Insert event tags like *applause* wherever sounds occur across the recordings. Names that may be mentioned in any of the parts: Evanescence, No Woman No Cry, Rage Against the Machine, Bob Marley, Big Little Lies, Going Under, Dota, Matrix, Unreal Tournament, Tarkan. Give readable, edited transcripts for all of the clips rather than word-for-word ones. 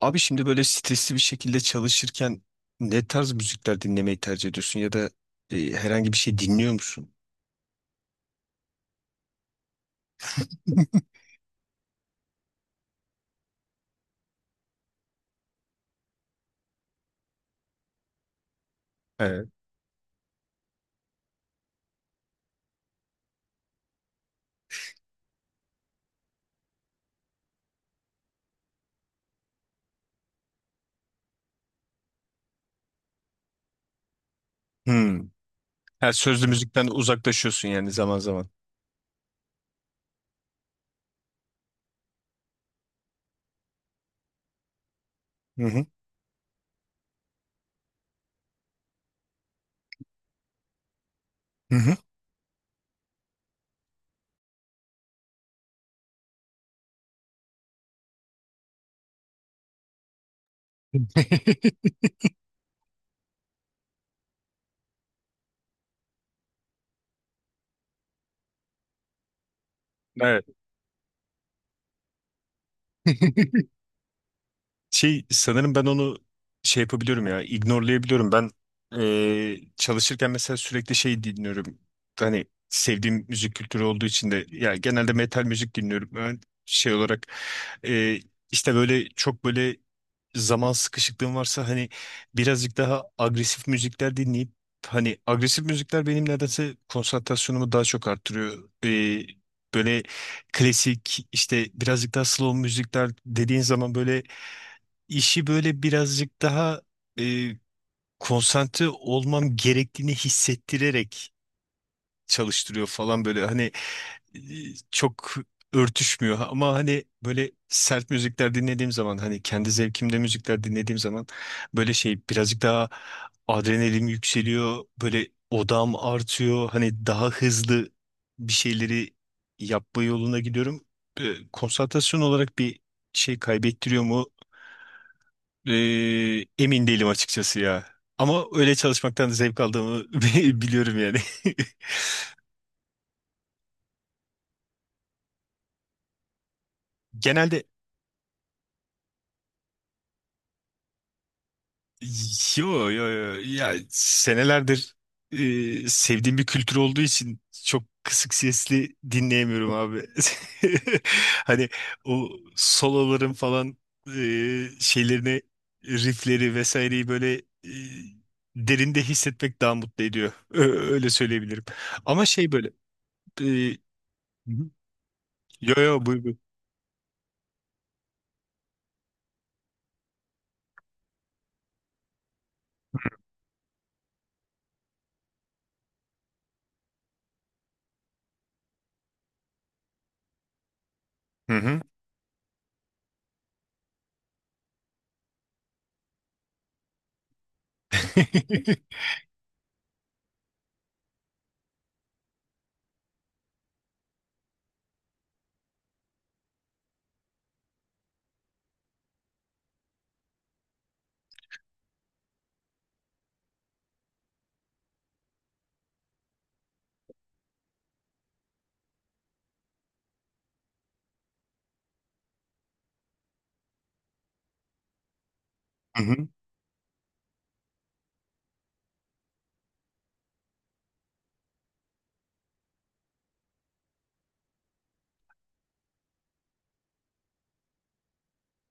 Abi şimdi böyle stresli bir şekilde çalışırken ne tarz müzikler dinlemeyi tercih ediyorsun ya da herhangi bir şey dinliyor musun? Evet. Hmm. Her sözlü müzikten uzaklaşıyorsun yani zaman zaman. Hı hı. Hı hı. Evet. *laughs* Şey sanırım ben onu şey yapabiliyorum ya ignorelayabiliyorum. Ben çalışırken mesela sürekli şey dinliyorum. Hani sevdiğim müzik kültürü olduğu için de ya genelde metal müzik dinliyorum. Ben şey olarak e, işte böyle çok böyle zaman sıkışıklığım varsa hani birazcık daha agresif müzikler dinleyip hani agresif müzikler benim nedense konsantrasyonumu daha çok arttırıyor. Böyle klasik işte birazcık daha slow müzikler dediğin zaman böyle işi böyle birazcık daha e, konsantre olmam gerektiğini hissettirerek çalıştırıyor falan böyle. Hani e, çok örtüşmüyor ama hani böyle sert müzikler dinlediğim zaman hani kendi zevkimde müzikler dinlediğim zaman böyle şey birazcık daha adrenalin yükseliyor böyle odam artıyor hani daha hızlı bir şeyleri yapma yoluna gidiyorum. Konsantrasyon olarak bir şey kaybettiriyor mu? E, Emin değilim açıkçası ya ama öyle çalışmaktan zevk aldığımı *laughs* biliyorum yani. *laughs* Genelde yo yo yo ya senelerdir sevdiğim bir kültür olduğu için çok kısık sesli dinleyemiyorum abi. *laughs* Hani o soloların falan şeylerini riffleri vesaireyi böyle derinde hissetmek daha mutlu ediyor. Öyle söyleyebilirim. Ama şey böyle e, Hı hı. Yo yo buyur buyur. Hı hı. *laughs* Hı hı.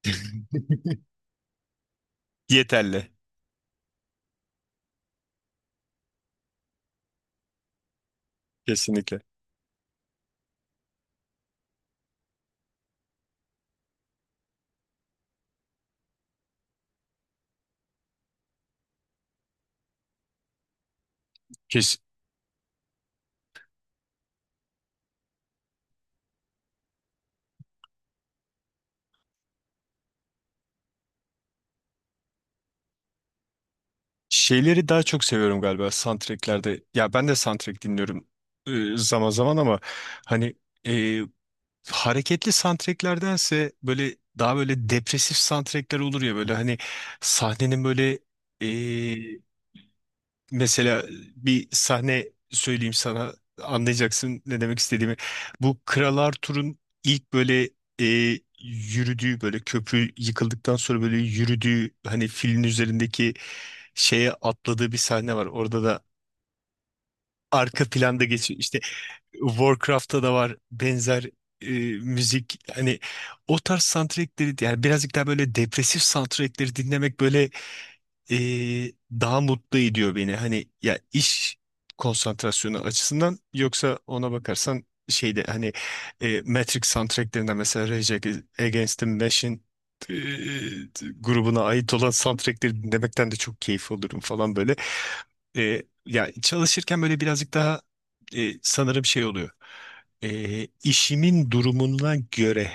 *laughs* Yeterli. Kesinlikle. Kesinlikle. Şeyleri daha çok seviyorum galiba soundtracklerde. Ya ben de soundtrack dinliyorum zaman zaman ama hani e, hareketli soundtracklerdense böyle daha böyle depresif soundtrackler olur ya böyle hani sahnenin böyle mesela bir sahne söyleyeyim sana anlayacaksın ne demek istediğimi. Bu Kral Arthur'un ilk böyle e, yürüdüğü böyle köprü yıkıldıktan sonra böyle yürüdüğü hani filin üzerindeki şeye atladığı bir sahne var. Orada da arka planda geçiyor. İşte Warcraft'ta da var benzer e, müzik. Hani o tarz soundtrackleri yani birazcık daha böyle depresif soundtrackleri dinlemek böyle e, daha mutlu ediyor beni. Hani ya iş konsantrasyonu açısından yoksa ona bakarsan şeyde hani Matrix soundtracklerinde mesela Rage Against the Machine e, grubuna ait olan soundtrackleri dinlemekten de çok keyif olurum falan böyle. Ya çalışırken böyle birazcık daha sanırım şey oluyor. İşimin durumuna göre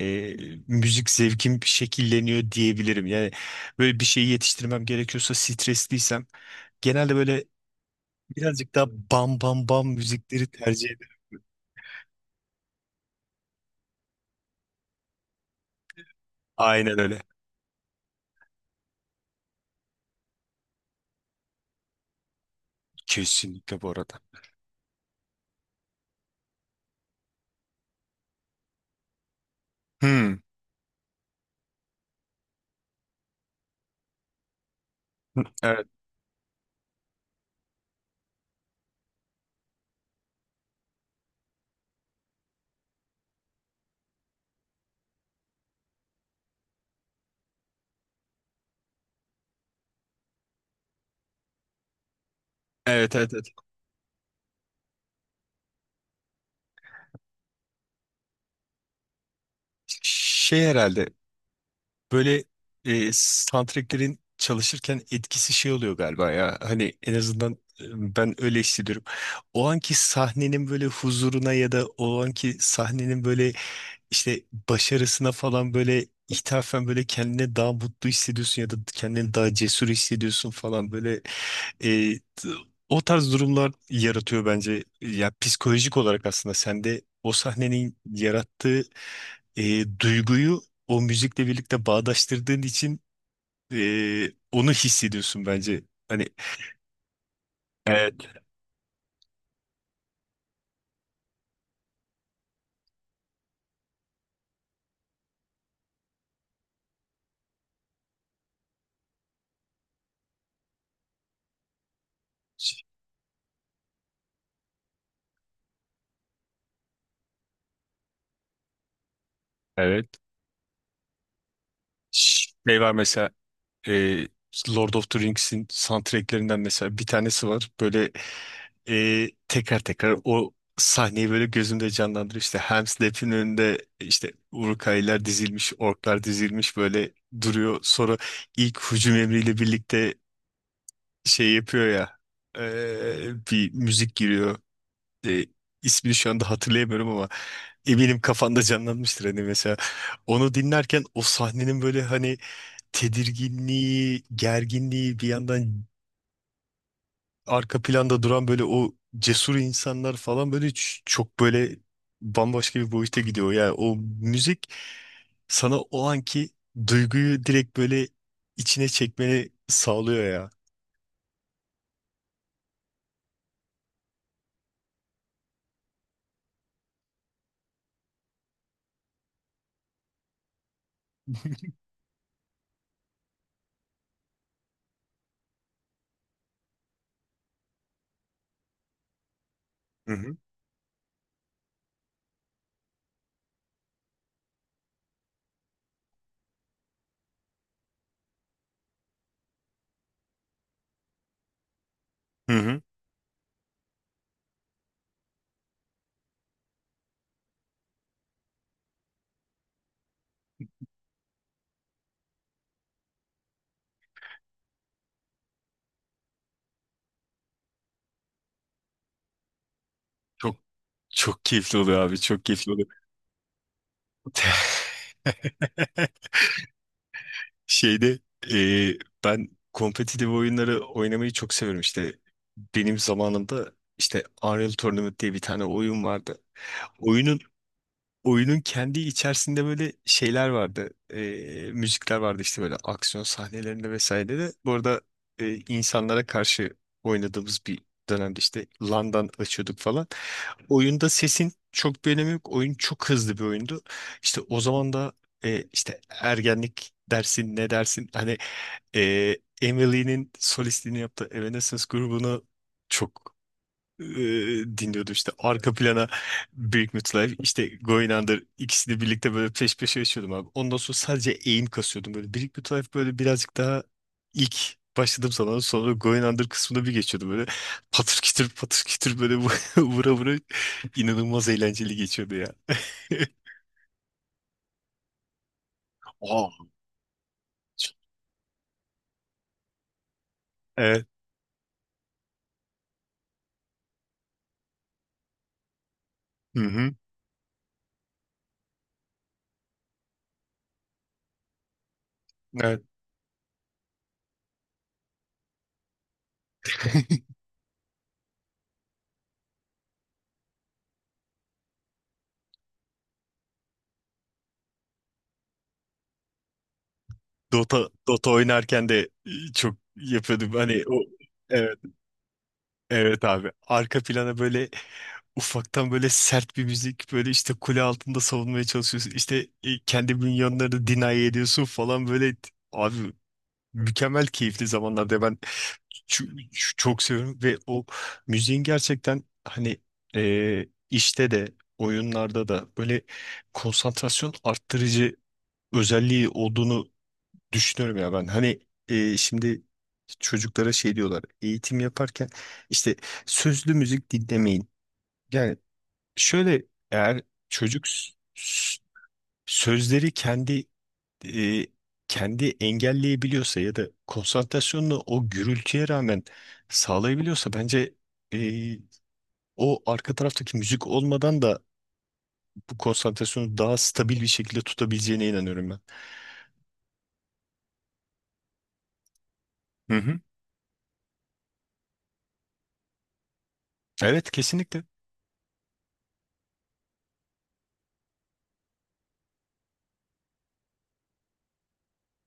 e, müzik zevkim şekilleniyor diyebilirim. Yani böyle bir şeyi yetiştirmem gerekiyorsa stresliysem genelde böyle birazcık daha bam bam bam müzikleri tercih ederim. Aynen öyle. Kesinlikle bu arada. Hmm. Evet. Evet evet evet. Şey herhalde böyle soundtracklerin çalışırken etkisi şey oluyor galiba ya. Hani en azından ben öyle hissediyorum. O anki sahnenin böyle huzuruna ya da o anki sahnenin böyle işte başarısına falan böyle ithafen böyle kendine daha mutlu hissediyorsun ya da kendini daha cesur hissediyorsun falan böyle e, t- o tarz durumlar yaratıyor bence. Ya psikolojik olarak aslında sende o sahnenin yarattığı duyguyu o müzikle birlikte bağdaştırdığın için onu hissediyorsun bence. Hani. Evet. Evet. Şey var mesela. E, Lord of the Rings'in soundtracklerinden mesela bir tanesi var. Böyle tekrar tekrar o sahneyi böyle gözümde canlandırıyor. İşte Helm's Deep'in önünde işte Uruk-hai'ler dizilmiş, orklar dizilmiş böyle duruyor. Sonra ilk hücum emriyle birlikte şey yapıyor ya bir müzik giriyor. E, ismini şu anda hatırlayamıyorum ama eminim kafanda canlanmıştır hani mesela. Onu dinlerken o sahnenin böyle hani tedirginliği, gerginliği bir yandan arka planda duran böyle o cesur insanlar falan böyle çok böyle bambaşka bir boyuta gidiyor. Yani o müzik sana o anki duyguyu direkt böyle içine çekmeni sağlıyor ya. Hı hı. Hı hı. Çok çok keyifli oluyor abi, çok keyifli oluyor. *laughs* Şeyde e, ben kompetitif oyunları oynamayı çok severim işte. Benim zamanımda işte Unreal Tournament diye bir tane oyun vardı. Oyunun oyunun kendi içerisinde böyle şeyler vardı. Müzikler vardı işte böyle aksiyon sahnelerinde vesaire de. Bu arada insanlara karşı oynadığımız bir dönemde işte LAN'dan açıyorduk falan. Oyunda sesin çok bir önemi yok. Oyun çok hızlı bir oyundu. İşte o zaman da işte ergenlik dersin ne dersin hani e, Emily'nin solistliğini yaptığı Evanescence grubunu çok e, dinliyordum işte arka plana Big Little Lies işte Going Under ikisini birlikte böyle peş peşe yaşıyordum abi. Ondan sonra sadece eğim kasıyordum böyle. Big Little Lies böyle birazcık daha ilk başladım zaman sonra Going Under kısmına bir geçiyordum böyle patır kütür patır kütür böyle *laughs* vura vura inanılmaz eğlenceli geçiyordu ya. *laughs* Aa, evet. Hı hı. Evet. Dota Dota oynarken de çok yapıyordum. Hani o evet evet abi. Arka plana böyle ufaktan böyle sert bir müzik böyle işte kule altında savunmaya çalışıyorsun. İşte kendi minyonlarını deny ediyorsun falan böyle abi mükemmel keyifli zamanlarda ben çok seviyorum ve o müziğin gerçekten hani işte de oyunlarda da böyle konsantrasyon arttırıcı özelliği olduğunu düşünüyorum ya ben. Hani şimdi çocuklara şey diyorlar eğitim yaparken işte sözlü müzik dinlemeyin. Yani şöyle eğer çocuk sözleri kendi e, kendi engelleyebiliyorsa ya da konsantrasyonunu o gürültüye rağmen sağlayabiliyorsa bence e, o arka taraftaki müzik olmadan da bu konsantrasyonu daha stabil bir şekilde tutabileceğine inanıyorum ben. Hı hı. Evet kesinlikle.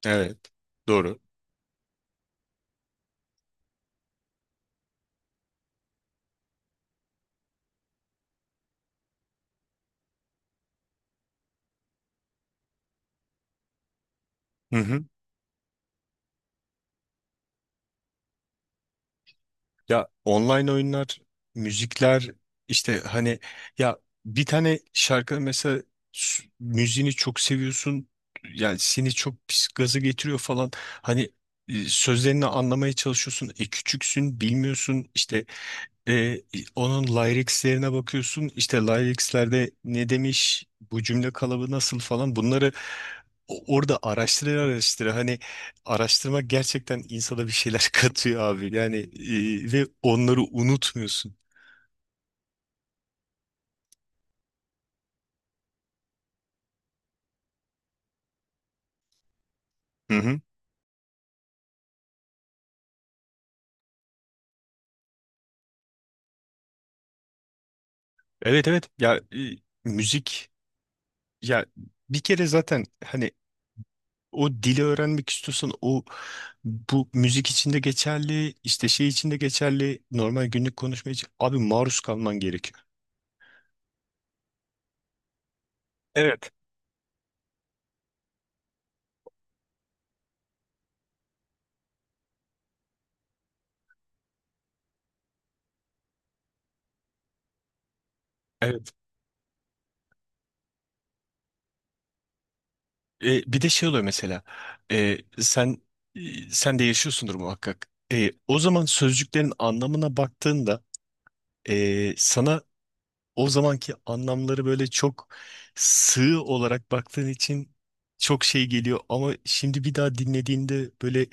Evet. Doğru. Hı hı. Ya online oyunlar, müzikler işte hani ya bir tane şarkı mesela müziğini çok seviyorsun. Yani seni çok pis gaza getiriyor falan. Hani sözlerini anlamaya çalışıyorsun. E küçüksün, bilmiyorsun. İşte e, onun Lyrics'lerine bakıyorsun işte Lyrics'lerde ne demiş bu cümle kalıbı nasıl falan bunları orada araştıra araştıra hani araştırma gerçekten insana bir şeyler *laughs* katıyor abi yani ve onları unutmuyorsun. Hı hı. Evet evet ya müzik ya bir kere zaten hani o dili öğrenmek istiyorsan o bu müzik için de geçerli işte şey için de geçerli normal günlük konuşma için abi maruz kalman gerekiyor. Evet. Evet. Bir de şey oluyor mesela. Sen e, sen de yaşıyorsundur muhakkak. O zaman sözcüklerin anlamına baktığında sana o zamanki anlamları böyle çok sığ olarak baktığın için çok şey geliyor. Ama şimdi bir daha dinlediğinde böyle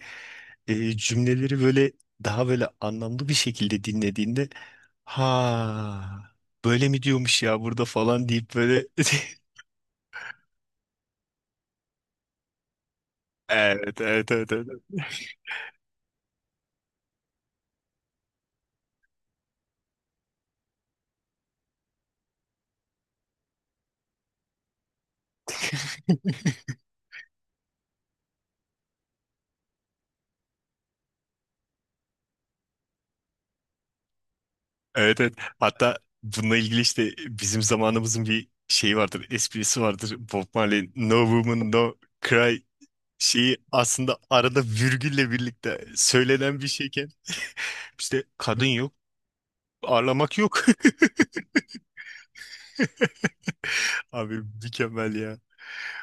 cümleleri böyle daha böyle anlamlı bir şekilde dinlediğinde ha böyle mi diyormuş ya burada falan deyip böyle *laughs* evet evet evet evet. *laughs* Evet evet. Hatta bununla ilgili işte bizim zamanımızın bir şeyi vardır, esprisi vardır. Bob Marley No Woman No Cry şeyi aslında arada virgülle birlikte söylenen bir şeyken işte kadın yok, ağlamak yok. *laughs* Abi mükemmel ya.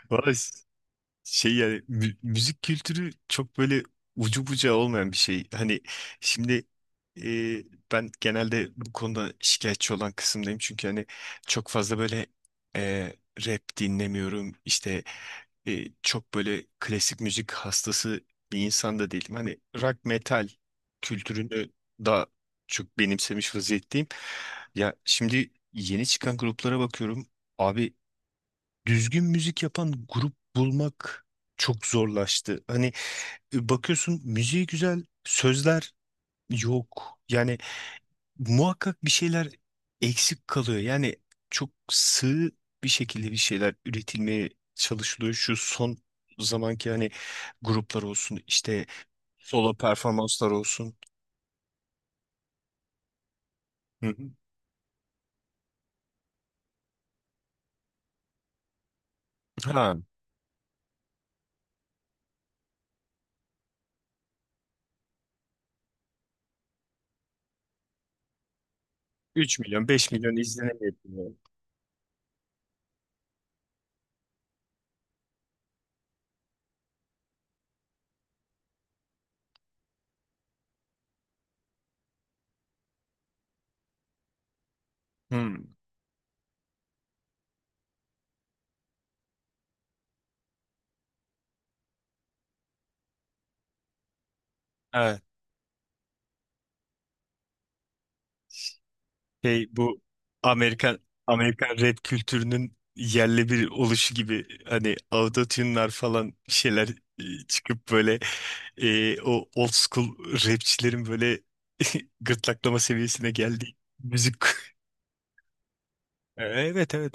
Vay. Şey yani müzik kültürü çok böyle ucu bucağı olmayan bir şey. Hani şimdi e, ben genelde bu konuda şikayetçi olan kısımdayım. Çünkü hani çok fazla böyle e, rap dinlemiyorum. İşte çok böyle klasik müzik hastası bir insan da değilim. Hani rock metal kültürünü daha çok benimsemiş vaziyetteyim. Ya şimdi yeni çıkan gruplara bakıyorum. Abi düzgün müzik yapan grup bulmak çok zorlaştı. Hani bakıyorsun müziği güzel, sözler yok. Yani muhakkak bir şeyler eksik kalıyor. Yani çok sığ bir şekilde bir şeyler üretilmeye çalışılıyor. Şu son zamanki hani gruplar olsun, işte solo performanslar olsun. Hı hı. Ha, 3 milyon, 5 milyon izlenemeyebiliyor. Hı. Şey bu Amerikan Amerikan rap kültürünün yerli bir oluşu gibi hani autotune'lar falan bir şeyler çıkıp böyle o old school rapçilerin böyle *laughs* gırtlaklama seviyesine geldiği müzik. *laughs* Evet evet evet.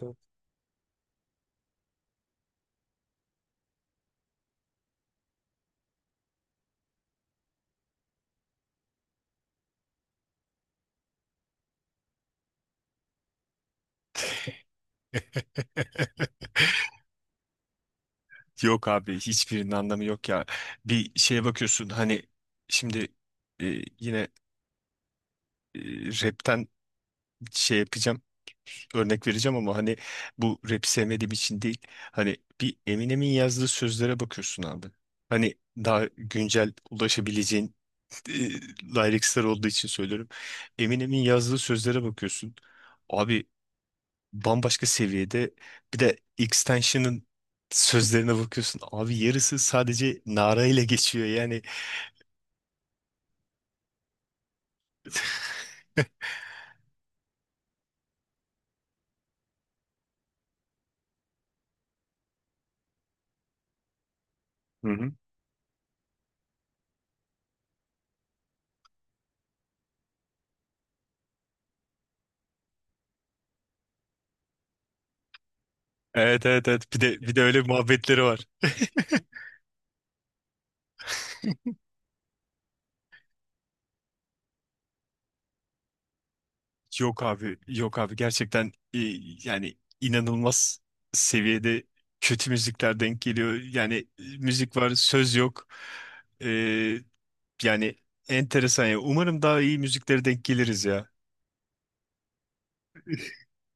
Yok abi hiçbirinin anlamı yok ya. Bir şeye bakıyorsun hani şimdi e, yine e, rapten şey yapacağım. Örnek vereceğim ama hani bu rap sevmediğim için değil. Hani bir Eminem'in yazdığı sözlere bakıyorsun abi. Hani daha güncel ulaşabileceğin e, lyricsler olduğu için söylüyorum. Eminem'in yazdığı sözlere bakıyorsun. Abi bambaşka seviyede. Bir de Xtension'ın sözlerine bakıyorsun. Abi yarısı sadece narayla geçiyor yani. *laughs* Hı hı. Evet evet evet. Bir de öyle muhabbetleri var. Yok abi, yok abi gerçekten yani inanılmaz seviyede kötü müzikler denk geliyor. Yani müzik var, söz yok. Ee, Yani enteresan ya. Umarım daha iyi müziklere denk geliriz ya.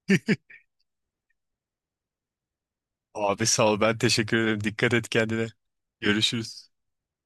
*laughs* Abi sağ ol, ben teşekkür ederim. Dikkat et kendine. Görüşürüz.